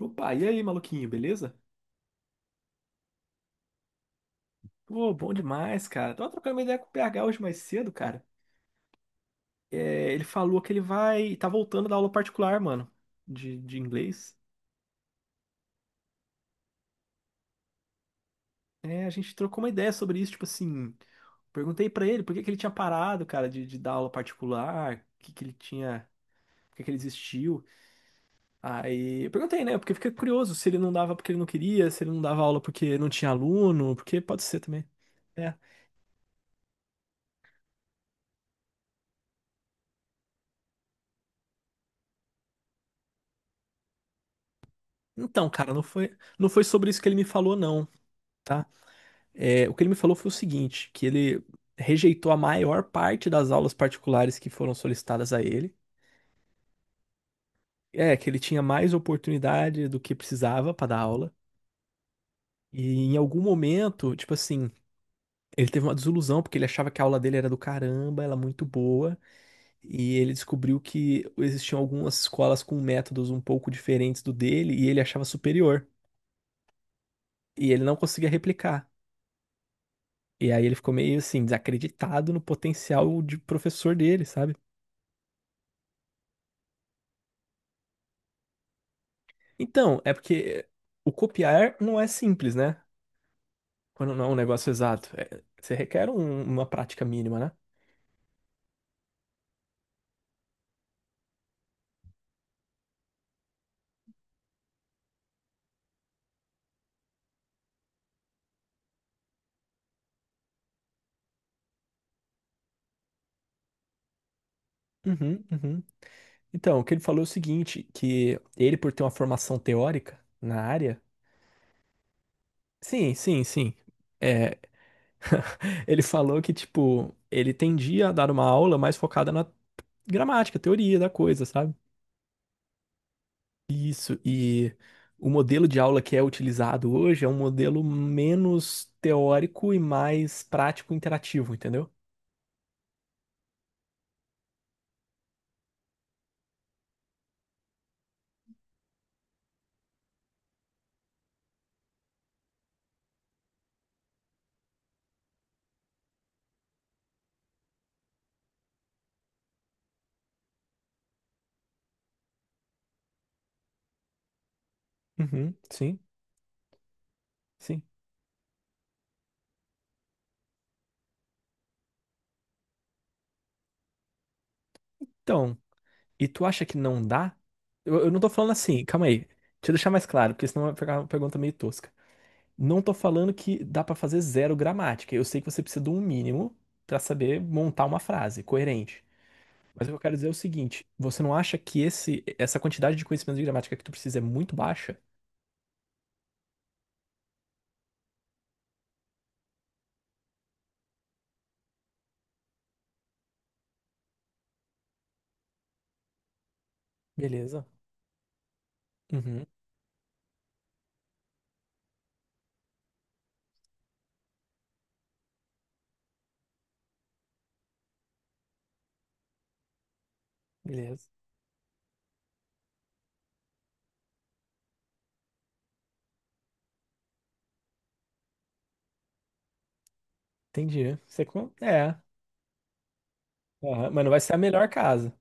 Opa, e aí, maluquinho, beleza? Pô, bom demais, cara. Tava trocando uma ideia com o PH hoje mais cedo, cara. É, ele falou que ele vai. Tá voltando da aula particular, mano, de inglês. É, a gente trocou uma ideia sobre isso, tipo assim. Perguntei pra ele por que que ele tinha parado, cara, de dar aula particular, o que que ele tinha. Por que que ele desistiu? Aí eu perguntei, né? Porque eu fiquei curioso se ele não dava porque ele não queria, se ele não dava aula porque não tinha aluno, porque pode ser também. É. Então, cara, não foi sobre isso que ele me falou, não. Tá. É, o que ele me falou foi o seguinte, que ele rejeitou a maior parte das aulas particulares que foram solicitadas a ele. É, que ele tinha mais oportunidade do que precisava para dar aula. E em algum momento, tipo assim, ele teve uma desilusão porque ele achava que a aula dele era do caramba, ela é muito boa, e ele descobriu que existiam algumas escolas com métodos um pouco diferentes do dele e ele achava superior, e ele não conseguia replicar. E aí ele ficou meio assim desacreditado no potencial de professor dele, sabe? Então, é porque o copiar não é simples, né? Quando não é um negócio exato. É, você requer uma prática mínima, né? Uhum, uhum. Então, o que ele falou é o seguinte, que ele, por ter uma formação teórica na área, sim, sim, sim. É, ele falou que, tipo, ele tendia a dar uma aula mais focada na gramática, teoria da coisa, sabe? Isso, e o modelo de aula que é utilizado hoje é um modelo menos teórico e mais prático e interativo, entendeu? Uhum, sim, sim. Então, e tu acha que não dá? Eu não tô falando assim, calma aí. Deixa eu deixar mais claro, porque senão vai ficar uma pergunta meio tosca. Não tô falando que dá pra fazer zero gramática. Eu sei que você precisa de um mínimo pra saber montar uma frase coerente. Mas o que eu quero dizer é o seguinte, você não acha que essa quantidade de conhecimento de gramática que tu precisa é muito baixa? Beleza. Uhum, beleza. Entendi. Aham, mas não vai ser a melhor casa.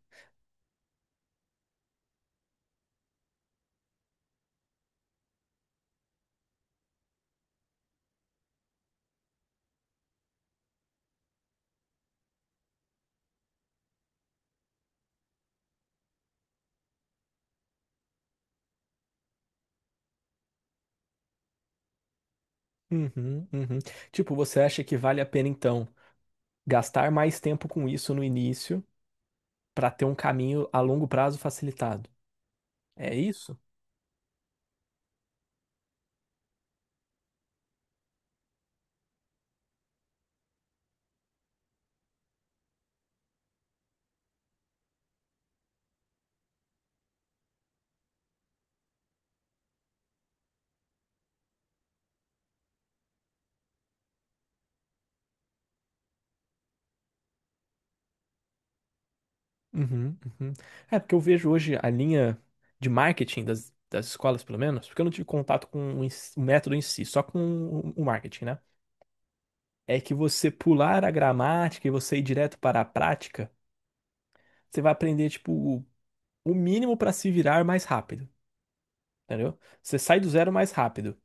Uhum, uhum. Tipo, você acha que vale a pena então? Gastar mais tempo com isso no início para ter um caminho a longo prazo facilitado. É isso? Uhum, uhum. É, porque eu vejo hoje a linha de marketing das escolas, pelo menos, porque eu não tive contato com o o método em si, só com o marketing, né? É que você pular a gramática e você ir direto para a prática, você vai aprender, tipo, o o mínimo para se virar mais rápido, entendeu? Você sai do zero mais rápido.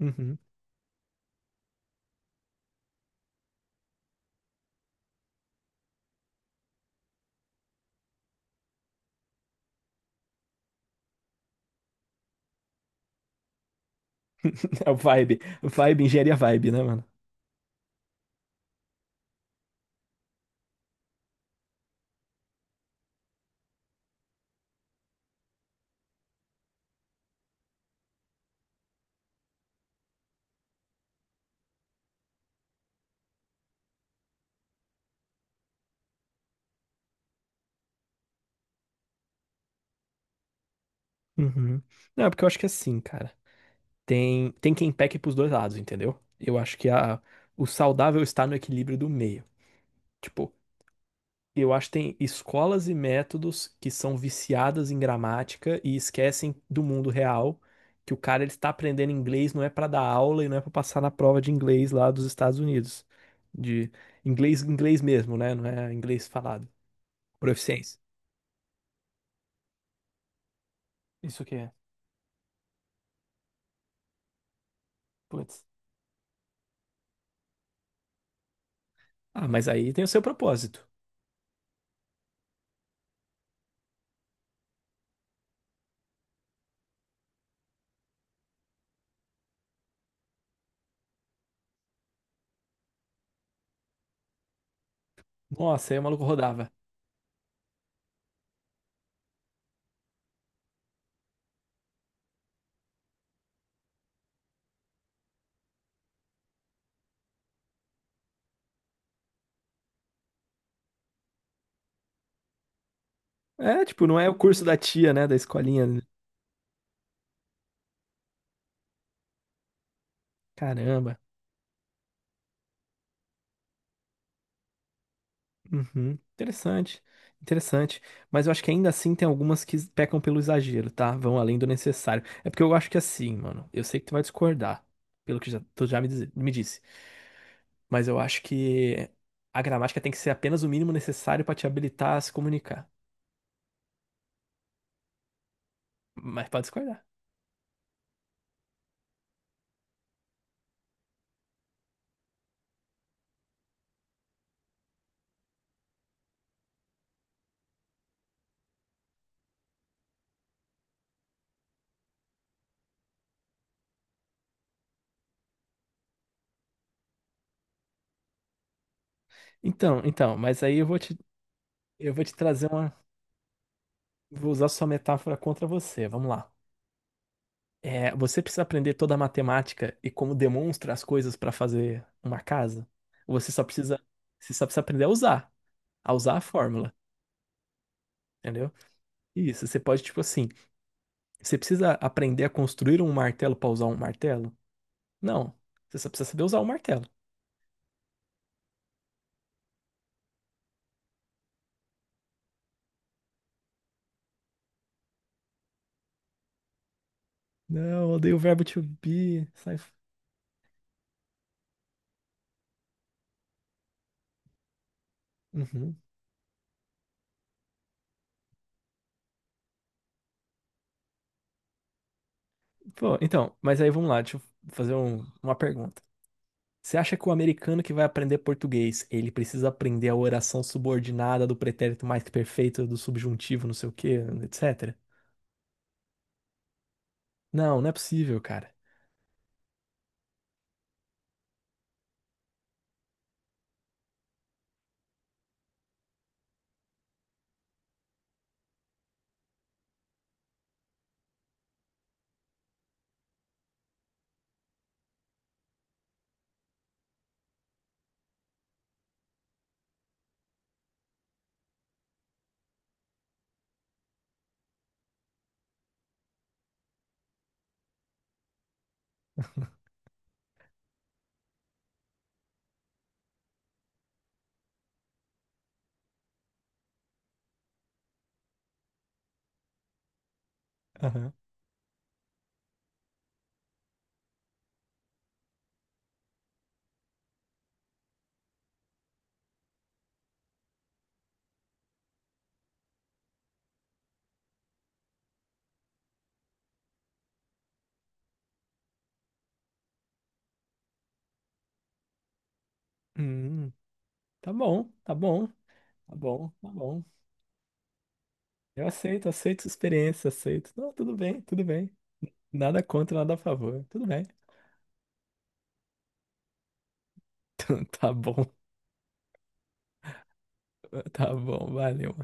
Uhum. É o vibe. Vibe, engenharia vibe, né, mano? Uhum. Não, é porque eu acho que é assim, cara. Tem, tem quem peque pros dois lados, entendeu? Eu acho que o saudável está no equilíbrio do meio. Tipo, eu acho que tem escolas e métodos que são viciadas em gramática e esquecem do mundo real, que o cara ele está aprendendo inglês não é pra dar aula e não é pra passar na prova de inglês lá dos Estados Unidos. De inglês, inglês mesmo, né? Não é inglês falado. Proficiência. Isso que é. Putz. Ah, mas aí tem o seu propósito. Nossa, aí o maluco rodava. É, tipo, não é o curso da tia, né? Da escolinha, né? Caramba. Uhum. Interessante. Interessante. Mas eu acho que ainda assim tem algumas que pecam pelo exagero, tá? Vão além do necessário. É porque eu acho que assim, mano. Eu sei que tu vai discordar, pelo que já, tu já me, me disse. Mas eu acho que a gramática tem que ser apenas o mínimo necessário pra te habilitar a se comunicar. Mas pode discordar. Então, então, mas aí eu vou te trazer uma. Vou usar sua metáfora contra você. Vamos lá. É, você precisa aprender toda a matemática e como demonstra as coisas para fazer uma casa. Você só precisa, você só precisa aprender a usar, a usar a fórmula, entendeu? Isso, você pode, tipo assim, você precisa aprender a construir um martelo para usar um martelo? Não, você só precisa saber usar um martelo. Não, odeio o verbo to be. Sai. Uhum. Pô, então, mas aí vamos lá, deixa eu fazer uma pergunta. Você acha que o americano que vai aprender português, ele precisa aprender a oração subordinada do pretérito mais que perfeito, do subjuntivo, não sei o quê, etc? Não, não é possível, cara. Aham. Hum, tá bom, tá bom, tá bom, tá bom. Eu aceito, aceito sua experiência, aceito. Não, tudo bem, tudo bem. Nada contra, nada a favor. Tudo bem. Tá bom, tá bom, valeu.